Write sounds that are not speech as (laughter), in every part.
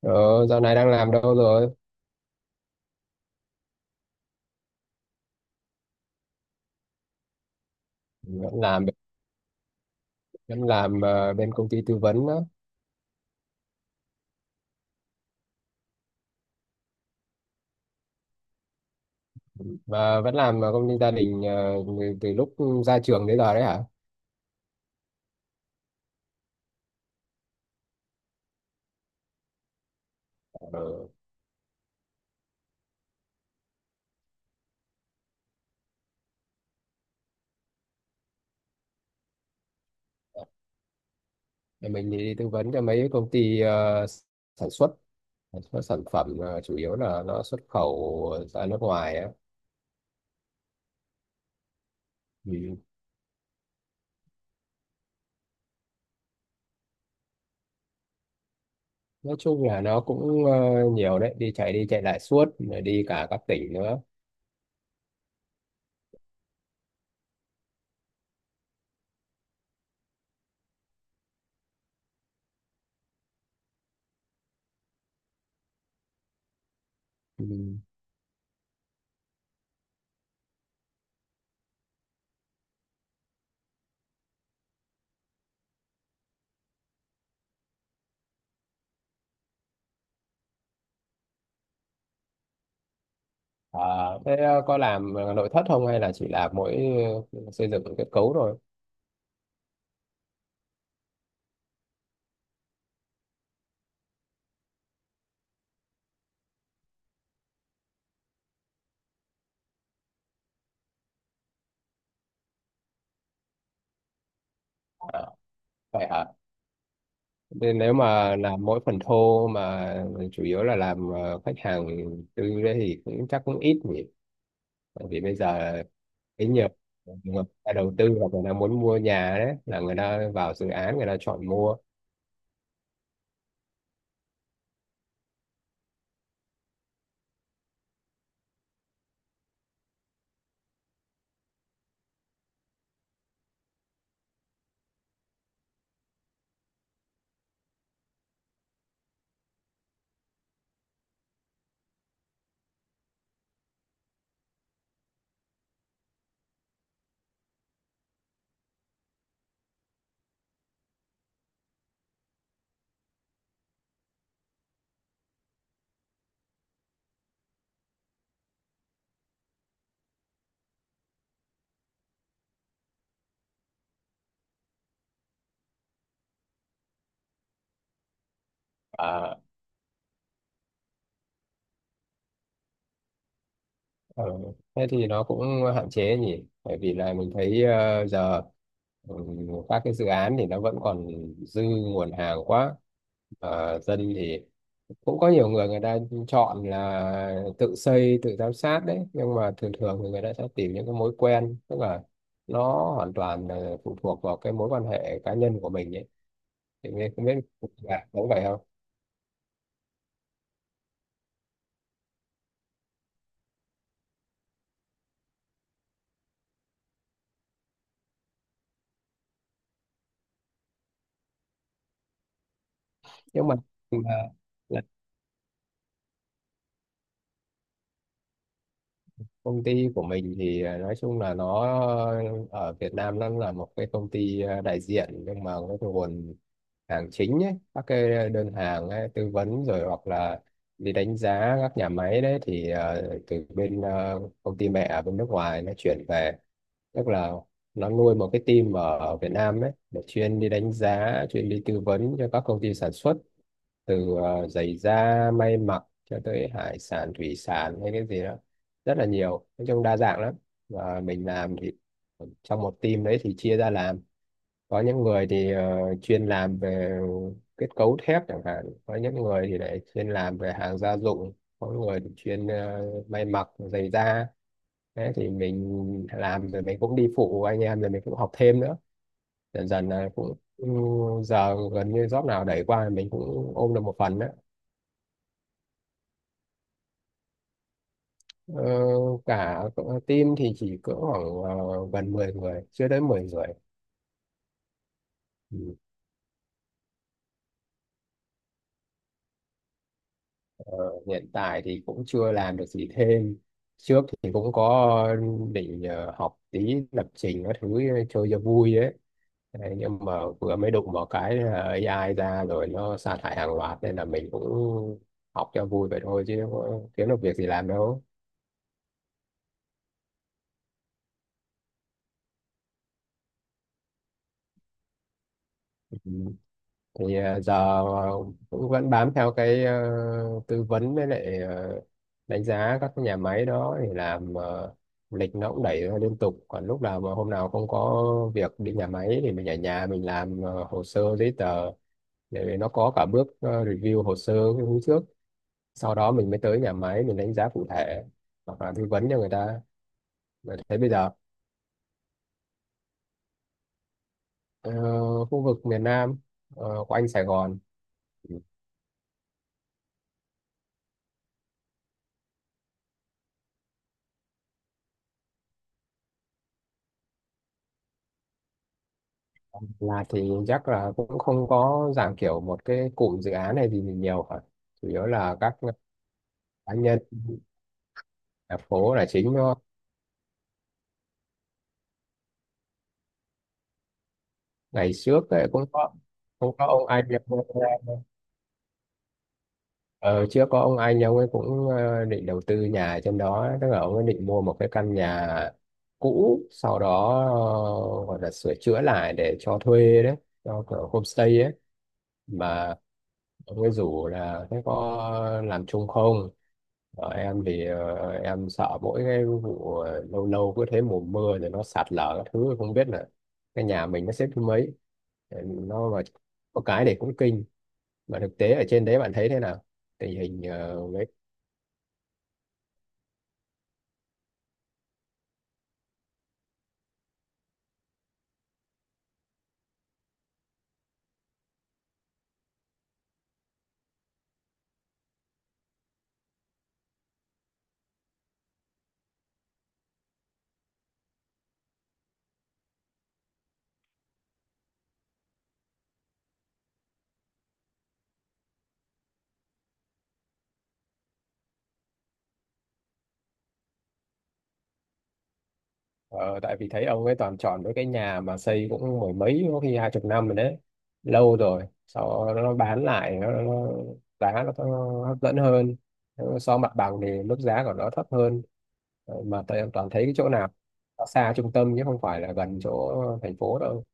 Ờ, Dạo này đang làm đâu rồi? Ừ. Vẫn làm bên công ty tư vấn đó. Mà vẫn làm công ty gia đình từ từ lúc ra trường đến giờ đấy hả? Ờ, thì Mình đi tư vấn cho mấy công ty sản xuất sản xuất sản phẩm, chủ yếu là nó xuất khẩu ra nước ngoài á. Ừ. Nói chung là nó cũng nhiều đấy, đi chạy lại suốt, rồi đi cả các tỉnh nữa. Ừ. À, thế có làm nội thất không hay là chỉ làm mỗi xây dựng kết cấu thôi? À, vậy hả? Nên nếu mà làm mỗi phần thô mà chủ yếu là làm khách hàng tư đấy thì cũng chắc cũng ít nhỉ. Bởi vì bây giờ cái nhiều người ta đầu tư hoặc người ta muốn mua nhà đấy, là người ta vào dự án người ta chọn mua. Ờ, thế thì nó cũng hạn chế nhỉ, bởi vì là mình thấy giờ ừ, các cái dự án thì nó vẫn còn dư nguồn hàng quá. Ờ, dân thì cũng có nhiều người người ta chọn là tự xây tự giám sát đấy, nhưng mà thường thường thì người ta sẽ tìm những cái mối quen, tức là nó hoàn toàn là phụ thuộc vào cái mối quan hệ cá nhân của mình ấy, thì mình không biết là có vậy không. Nhưng mà là, công ty của mình thì nói chung là nó ở Việt Nam nó là một cái công ty đại diện, nhưng mà cái nguồn hàng chính ấy, các cái đơn hàng ấy, tư vấn rồi hoặc là đi đánh giá các nhà máy đấy thì từ bên công ty mẹ ở bên nước ngoài nó chuyển về. Tức là nó nuôi một cái team ở ở Việt Nam ấy để chuyên đi đánh giá, chuyên đi tư vấn cho các công ty sản xuất, từ giày da may mặc cho tới hải sản thủy sản hay cái gì đó, rất là nhiều, nói chung đa dạng lắm. Và mình làm thì trong một team đấy thì chia ra làm có những người thì chuyên làm về kết cấu thép chẳng hạn, có những người thì lại chuyên làm về hàng gia dụng, có người thì chuyên may mặc giày da. Thế thì mình làm rồi mình cũng đi phụ anh em, rồi mình cũng học thêm nữa, dần dần là cũng giờ gần như job nào đẩy qua mình cũng ôm được một phần đó. Ờ, cả team thì chỉ cỡ khoảng gần 10 người, chưa đến 10 người. Ừ. Hiện tại thì cũng chưa làm được gì thêm, trước thì cũng có định học tí lập trình các thứ, chơi cho vui ấy. Đấy, nhưng mà vừa mới đụng vào cái là AI ra rồi nó sa thải hàng loạt, nên là mình cũng học cho vui vậy thôi chứ có kiếm được việc gì làm đâu. Ừ. Thì giờ cũng vẫn bám theo cái tư vấn với lại đánh giá các cái nhà máy đó, thì làm lịch nó cũng đẩy ra liên tục, còn lúc nào mà hôm nào không có việc đi nhà máy thì mình ở nhà mình làm hồ sơ giấy tờ, để nó có cả bước review hồ sơ cái hôm trước, sau đó mình mới tới nhà máy mình đánh giá cụ thể hoặc là tư vấn cho người ta. Mà thấy bây giờ ờ, khu vực miền Nam của anh Sài Gòn là thì chắc là cũng không có dạng kiểu một cái cụm dự án này gì nhiều cả, chủ yếu là các cá nhân ở phố là chính thôi. Ngày trước ấy cũng có, cũng có ông anh, ờ, trước có ông anh ông ấy cũng định đầu tư nhà ở trên đó, tức là ông ấy định mua một cái căn nhà cũ, sau đó gọi là sửa chữa lại để cho thuê đấy, cho kiểu homestay ấy. Mà ông ấy rủ là thế có làm chung không. Ở em thì em sợ mỗi cái vụ lâu lâu cứ thế mùa mưa rồi nó sạt lở các thứ, không biết là cái nhà mình nó xếp thứ mấy. Ờ, nó mà có cái để cũng kinh. Mà thực tế ở trên đấy bạn thấy thế nào, tình hình? Ờ, tại vì thấy ông ấy toàn chọn với cái nhà mà xây cũng mười mấy có khi 20 năm rồi đấy, lâu rồi sau đó nó bán lại giá nó hấp dẫn hơn. Nếu so mặt bằng thì mức giá của nó thấp hơn. Ờ, mà tại em toàn thấy cái chỗ nào nó xa trung tâm chứ không phải là gần chỗ thành phố đâu.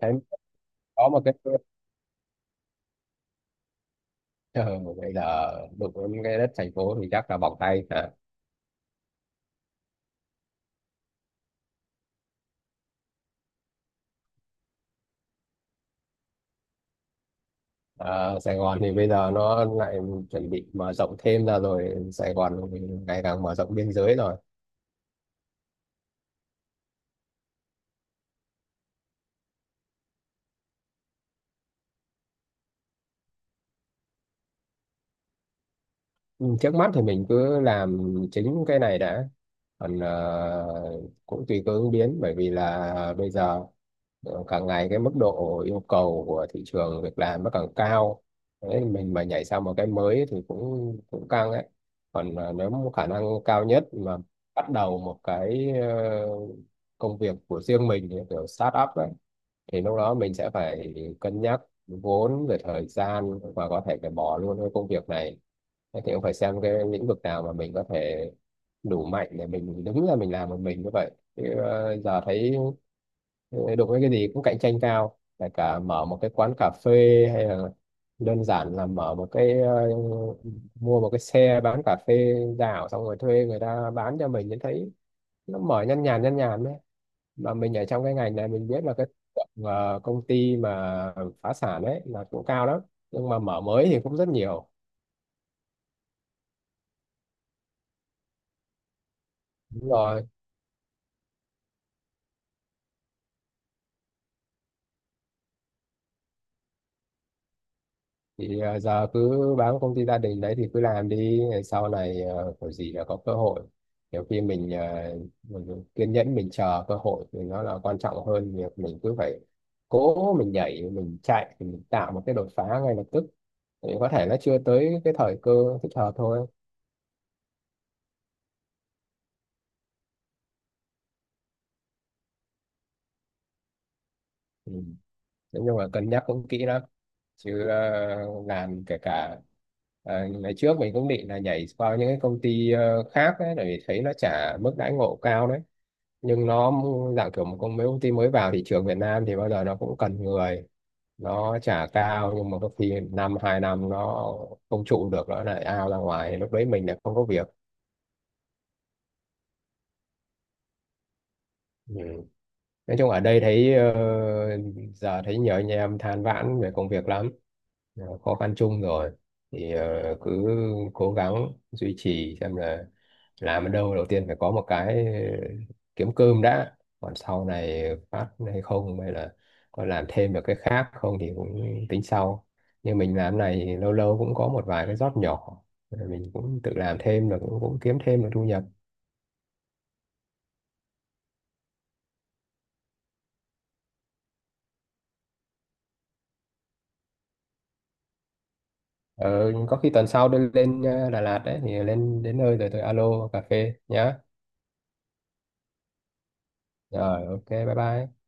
Thấy có một cái (laughs) ờ, bây giờ đụng đến cái đất thành phố thì chắc là bỏng tay hả. Ờ, Sài Gòn thì bây giờ nó lại chuẩn bị mở rộng thêm ra rồi, Sài Gòn ngày càng mở rộng biên giới rồi. Ừ, trước mắt thì mình cứ làm chính cái này đã, còn cũng tùy cơ ứng biến, bởi vì là bây giờ càng ngày cái mức độ yêu cầu của thị trường việc làm nó càng cao. Đấy, mình mà nhảy sang một cái mới thì cũng cũng căng ấy. Còn nếu mà khả năng cao nhất mà bắt đầu một cái công việc của riêng mình như kiểu start up ấy thì lúc đó mình sẽ phải cân nhắc vốn, về thời gian, và có thể phải bỏ luôn cái công việc này. Thế thì cũng phải xem cái lĩnh vực nào mà mình có thể đủ mạnh để mình đứng ra mình làm một mình như vậy. Chứ giờ thấy đụng với cái gì cũng cạnh tranh cao, kể cả mở một cái quán cà phê, hay là đơn giản là mở một cái, mua một cái xe bán cà phê dạo xong rồi thuê người ta bán cho mình, thì thấy nó mở nhăn nhàn đấy. Mà mình ở trong cái ngành này mình biết là cái tượng, công ty mà phá sản ấy là cũng cao lắm, nhưng mà mở mới thì cũng rất nhiều. Đúng rồi. Thì giờ cứ bám công ty gia đình đấy thì cứ làm đi, sau này có gì là có cơ hội. Nhiều khi mình kiên nhẫn mình chờ cơ hội thì nó là quan trọng hơn việc mình cứ phải cố mình nhảy mình chạy mình tạo một cái đột phá ngay lập tức, thì có thể nó chưa tới cái thời cơ thích hợp thôi. Ừ. Nói nhưng mà cân nhắc cũng kỹ lắm, chứ làm kể cả ngày trước mình cũng định là nhảy qua những cái công ty khác ấy, bởi vì thấy nó trả mức đãi ngộ cao đấy. Nhưng nó dạng kiểu một công, mấy công ty mới vào thị trường Việt Nam thì bao giờ nó cũng cần người, nó trả cao, nhưng mà có khi năm 2 năm nó không trụ được nó lại out ra ngoài, lúc đấy mình lại không có việc. Ừ. Nói chung ở đây thấy giờ thấy nhiều anh em than vãn về công việc lắm, là khó khăn chung rồi. Thì cứ cố gắng duy trì xem là làm ở đâu đầu tiên phải có một cái kiếm cơm đã, còn sau này phát hay không, hay là có làm thêm được cái khác không thì cũng tính sau. Như mình làm này thì lâu lâu cũng có một vài cái job nhỏ, rồi mình cũng tự làm thêm được, cũng kiếm thêm được thu nhập. Ờ, có khi tuần sau tôi lên Đà Lạt đấy, thì lên đến nơi rồi tôi alo cà phê nhá. Rồi, ok, bye bye.